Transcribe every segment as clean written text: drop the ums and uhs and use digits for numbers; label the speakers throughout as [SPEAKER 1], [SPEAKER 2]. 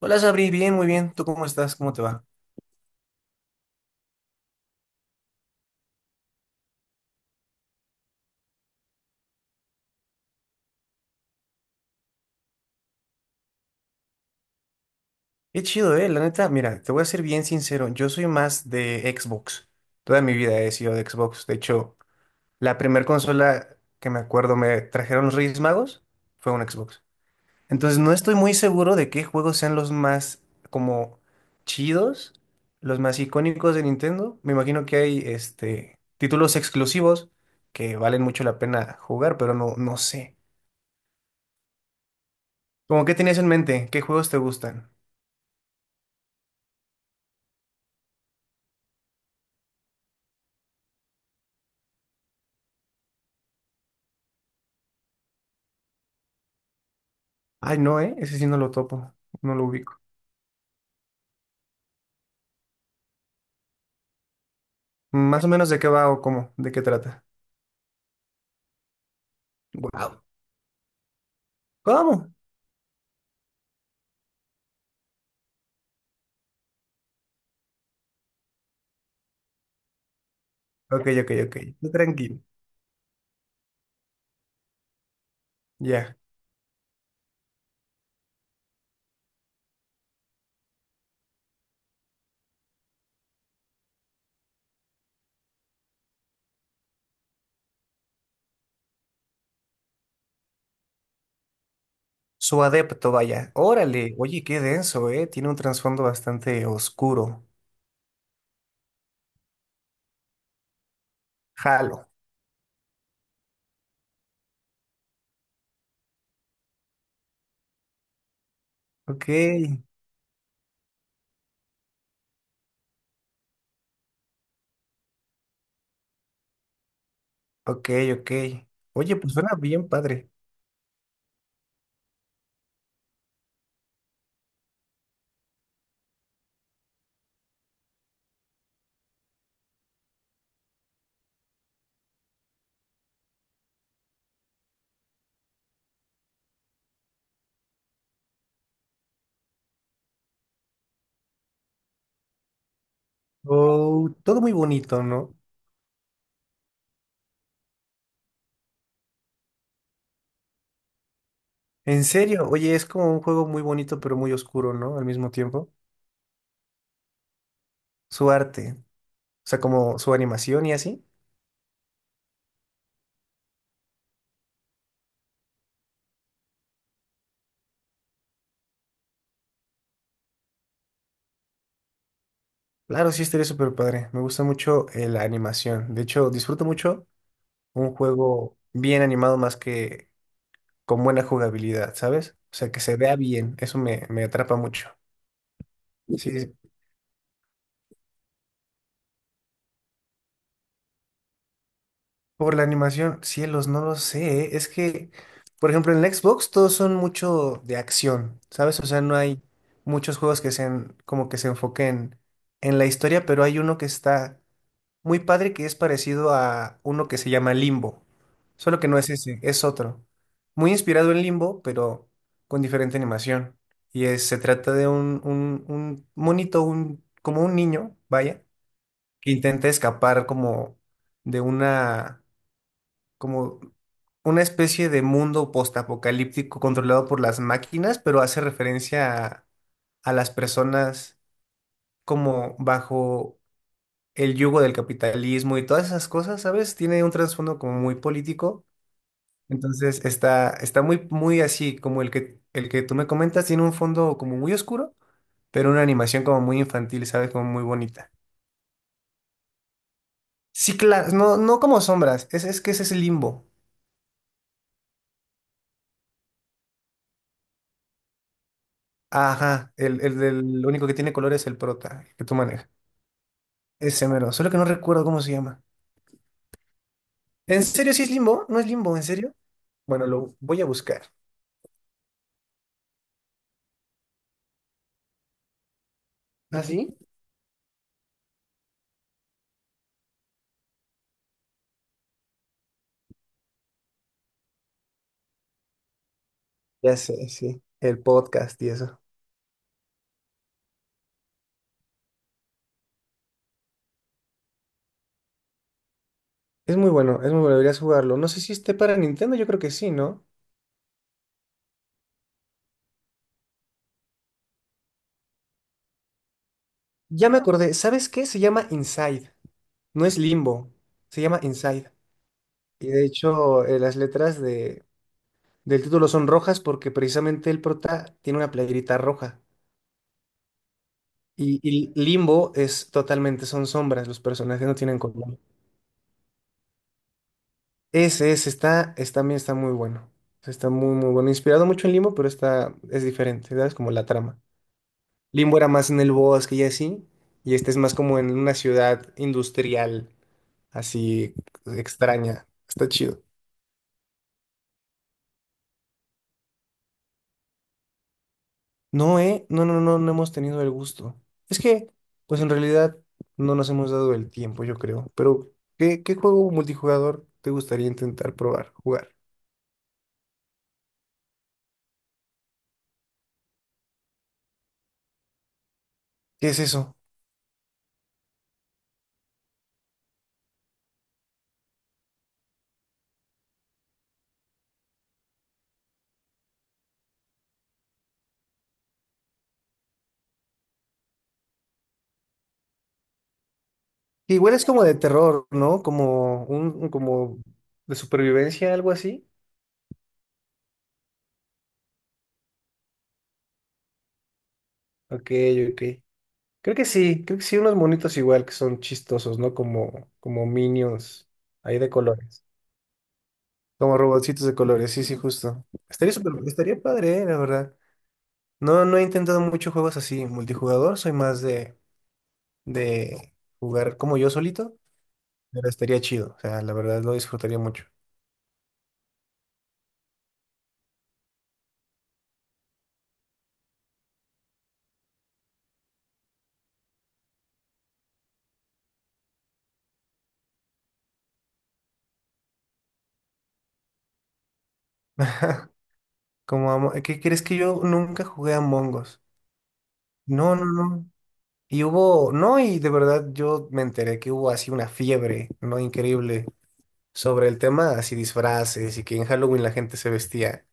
[SPEAKER 1] Hola Sabri, bien, muy bien. ¿Tú cómo estás? ¿Cómo te va? Qué chido, eh. La neta, mira, te voy a ser bien sincero. Yo soy más de Xbox. Toda mi vida he sido de Xbox. De hecho, la primer consola que me acuerdo me trajeron los Reyes Magos fue un Xbox. Entonces, no estoy muy seguro de qué juegos sean los más como chidos, los más icónicos de Nintendo. Me imagino que hay títulos exclusivos que valen mucho la pena jugar, pero no, no sé. ¿Cómo qué tenías en mente? ¿Qué juegos te gustan? Ay, no, ¿eh? Ese sí no lo topo, no lo ubico. Más o menos de qué va o cómo, de qué trata. Wow. ¿Cómo? Ok, ok, ok. Tú tranquilo. Ya. Su adepto, vaya. Órale. Oye, qué denso, ¿eh? Tiene un trasfondo bastante oscuro. Jalo. Ok, ok, ok. Oye, pues suena bien padre. Oh, todo muy bonito, ¿no? En serio, oye, es como un juego muy bonito, pero muy oscuro, ¿no? Al mismo tiempo. Su arte, o sea, como su animación y así. Claro, sí, estaría súper padre. Me gusta mucho la animación. De hecho, disfruto mucho un juego bien animado más que con buena jugabilidad, ¿sabes? O sea, que se vea bien. Eso me atrapa mucho. Sí, sí. Por la animación, cielos, no lo sé. ¿Eh? Es que, por ejemplo, en la Xbox todos son mucho de acción, ¿sabes? O sea, no hay muchos juegos que sean como que se enfoquen en la historia, pero hay uno que está muy padre que es parecido a uno que se llama Limbo, solo que no es ese, es otro. Muy inspirado en Limbo, pero con diferente animación. Y se trata de un monito, como un niño, vaya, que intenta escapar como de una, como una especie de mundo postapocalíptico controlado por las máquinas, pero hace referencia a las personas como bajo el yugo del capitalismo y todas esas cosas, ¿sabes? Tiene un trasfondo como muy político. Entonces está muy, muy así, como el que tú me comentas, tiene un fondo como muy oscuro, pero una animación como muy infantil, ¿sabes? Como muy bonita. Sí, claro, no, no como sombras, es que ese es el limbo. Ajá, el del lo único que tiene color es el prota, el que tú manejas. Ese mero, solo que no recuerdo cómo se llama. ¿En serio sí es limbo? ¿No es limbo? ¿En serio? Bueno, lo voy a buscar. ¿Ah, sí? Ya sé, sí. El podcast y eso. Es muy bueno, deberías jugarlo. No sé si esté para Nintendo, yo creo que sí, ¿no? Ya me acordé, ¿sabes qué? Se llama Inside, no es Limbo, se llama Inside. Y de hecho, las letras del título son rojas porque precisamente el prota tiene una playerita roja. Y Limbo es totalmente, son sombras, los personajes no tienen color. Ese también está muy bueno. Está muy, muy bueno. Inspirado mucho en Limbo, pero es diferente, ¿sabes? Como la trama. Limbo era más en el bosque y así, y este es más como en una ciudad industrial, así extraña. Está chido. No, no, no, no, no hemos tenido el gusto. Es que, pues en realidad no nos hemos dado el tiempo, yo creo. Pero, ¿qué juego multijugador te gustaría intentar probar, jugar? ¿Qué es eso? Que igual es como de terror, ¿no? Como de supervivencia, algo así. Ok, ok. Creo que sí, unos monitos igual que son chistosos, ¿no? Como minions ahí de colores. Como robotcitos de colores, sí, sí, justo. Estaría súper, estaría padre, la verdad. No, no he intentado muchos juegos así, multijugador, soy más de jugar como yo solito, pero estaría chido, o sea, la verdad lo disfrutaría mucho. ¿Qué crees que yo nunca jugué a Among Us? No, no, no. Y hubo, no, y de verdad yo me enteré que hubo así una fiebre, ¿no? Increíble sobre el tema así disfraces y que en Halloween la gente se vestía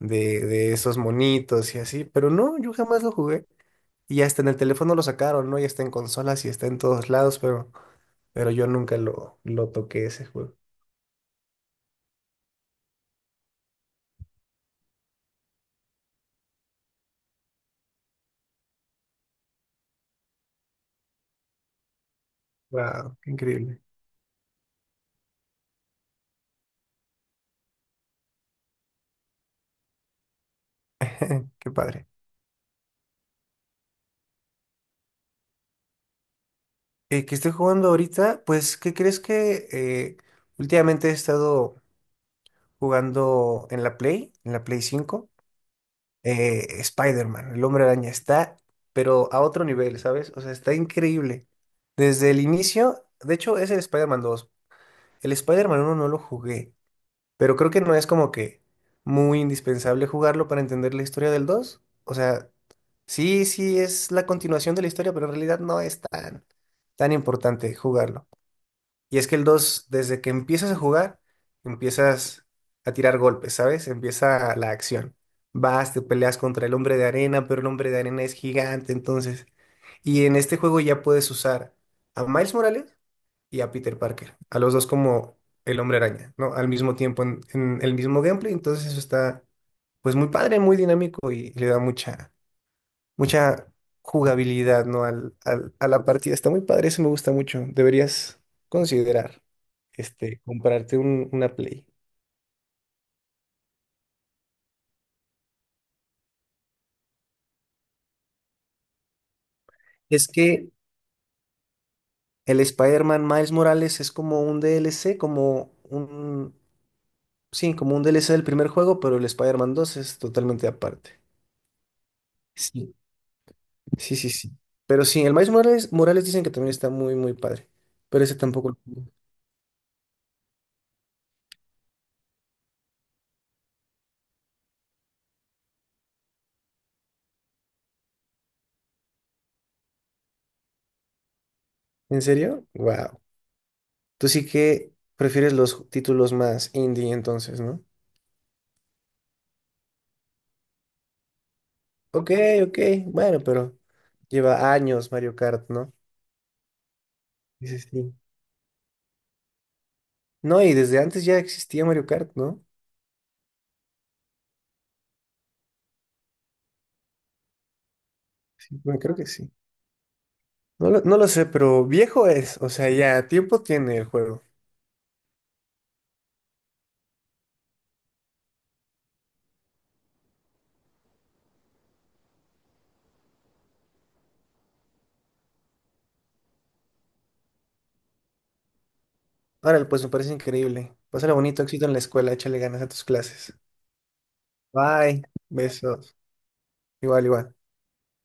[SPEAKER 1] de esos monitos y así, pero no, yo jamás lo jugué. Y hasta en el teléfono lo sacaron, ¿no? Ya está en consolas y está en todos lados, pero yo nunca lo toqué ese juego. Wow, qué increíble, qué padre. ¿Qué estoy jugando ahorita? Pues, ¿qué crees que últimamente he estado jugando en la Play, 5 Spider-Man, el Hombre Araña, está, pero a otro nivel, ¿sabes? O sea, está increíble. Desde el inicio, de hecho, es el Spider-Man 2. El Spider-Man 1 no lo jugué, pero creo que no es como que muy indispensable jugarlo para entender la historia del 2. O sea, sí, sí es la continuación de la historia, pero en realidad no es tan, tan importante jugarlo. Y es que el 2 desde que empiezas a jugar, empiezas a tirar golpes, ¿sabes? Empieza la acción. Vas, te peleas contra el hombre de arena, pero el hombre de arena es gigante, entonces. Y en este juego ya puedes usar a Miles Morales y a Peter Parker, a los dos como el hombre araña, ¿no? Al mismo tiempo en el mismo gameplay, entonces eso está, pues muy padre, muy dinámico y le da mucha, mucha jugabilidad, ¿no? Al, al- a la partida. Está muy padre, eso me gusta mucho. Deberías considerar, comprarte una Play. Es que el Spider-Man Miles Morales es como un DLC. Sí, como un DLC del primer juego, pero el Spider-Man 2 es totalmente aparte. Sí, sí, sí, sí. Pero sí, el Miles Morales, dicen que también está muy, muy padre. Pero ese tampoco lo jugué. ¿En serio? Wow. Tú sí que prefieres los títulos más indie entonces, ¿no? Ok, ok, bueno, pero lleva años Mario Kart, ¿no? Dice sí, sí. No, y desde antes ya existía Mario Kart, ¿no? Sí, bueno, creo que sí. No lo sé, pero viejo es, o sea, ya tiempo tiene el juego. Ahora, pues me parece increíble. Pásale bonito, éxito en la escuela, échale ganas a tus clases. Bye, besos. Igual, igual.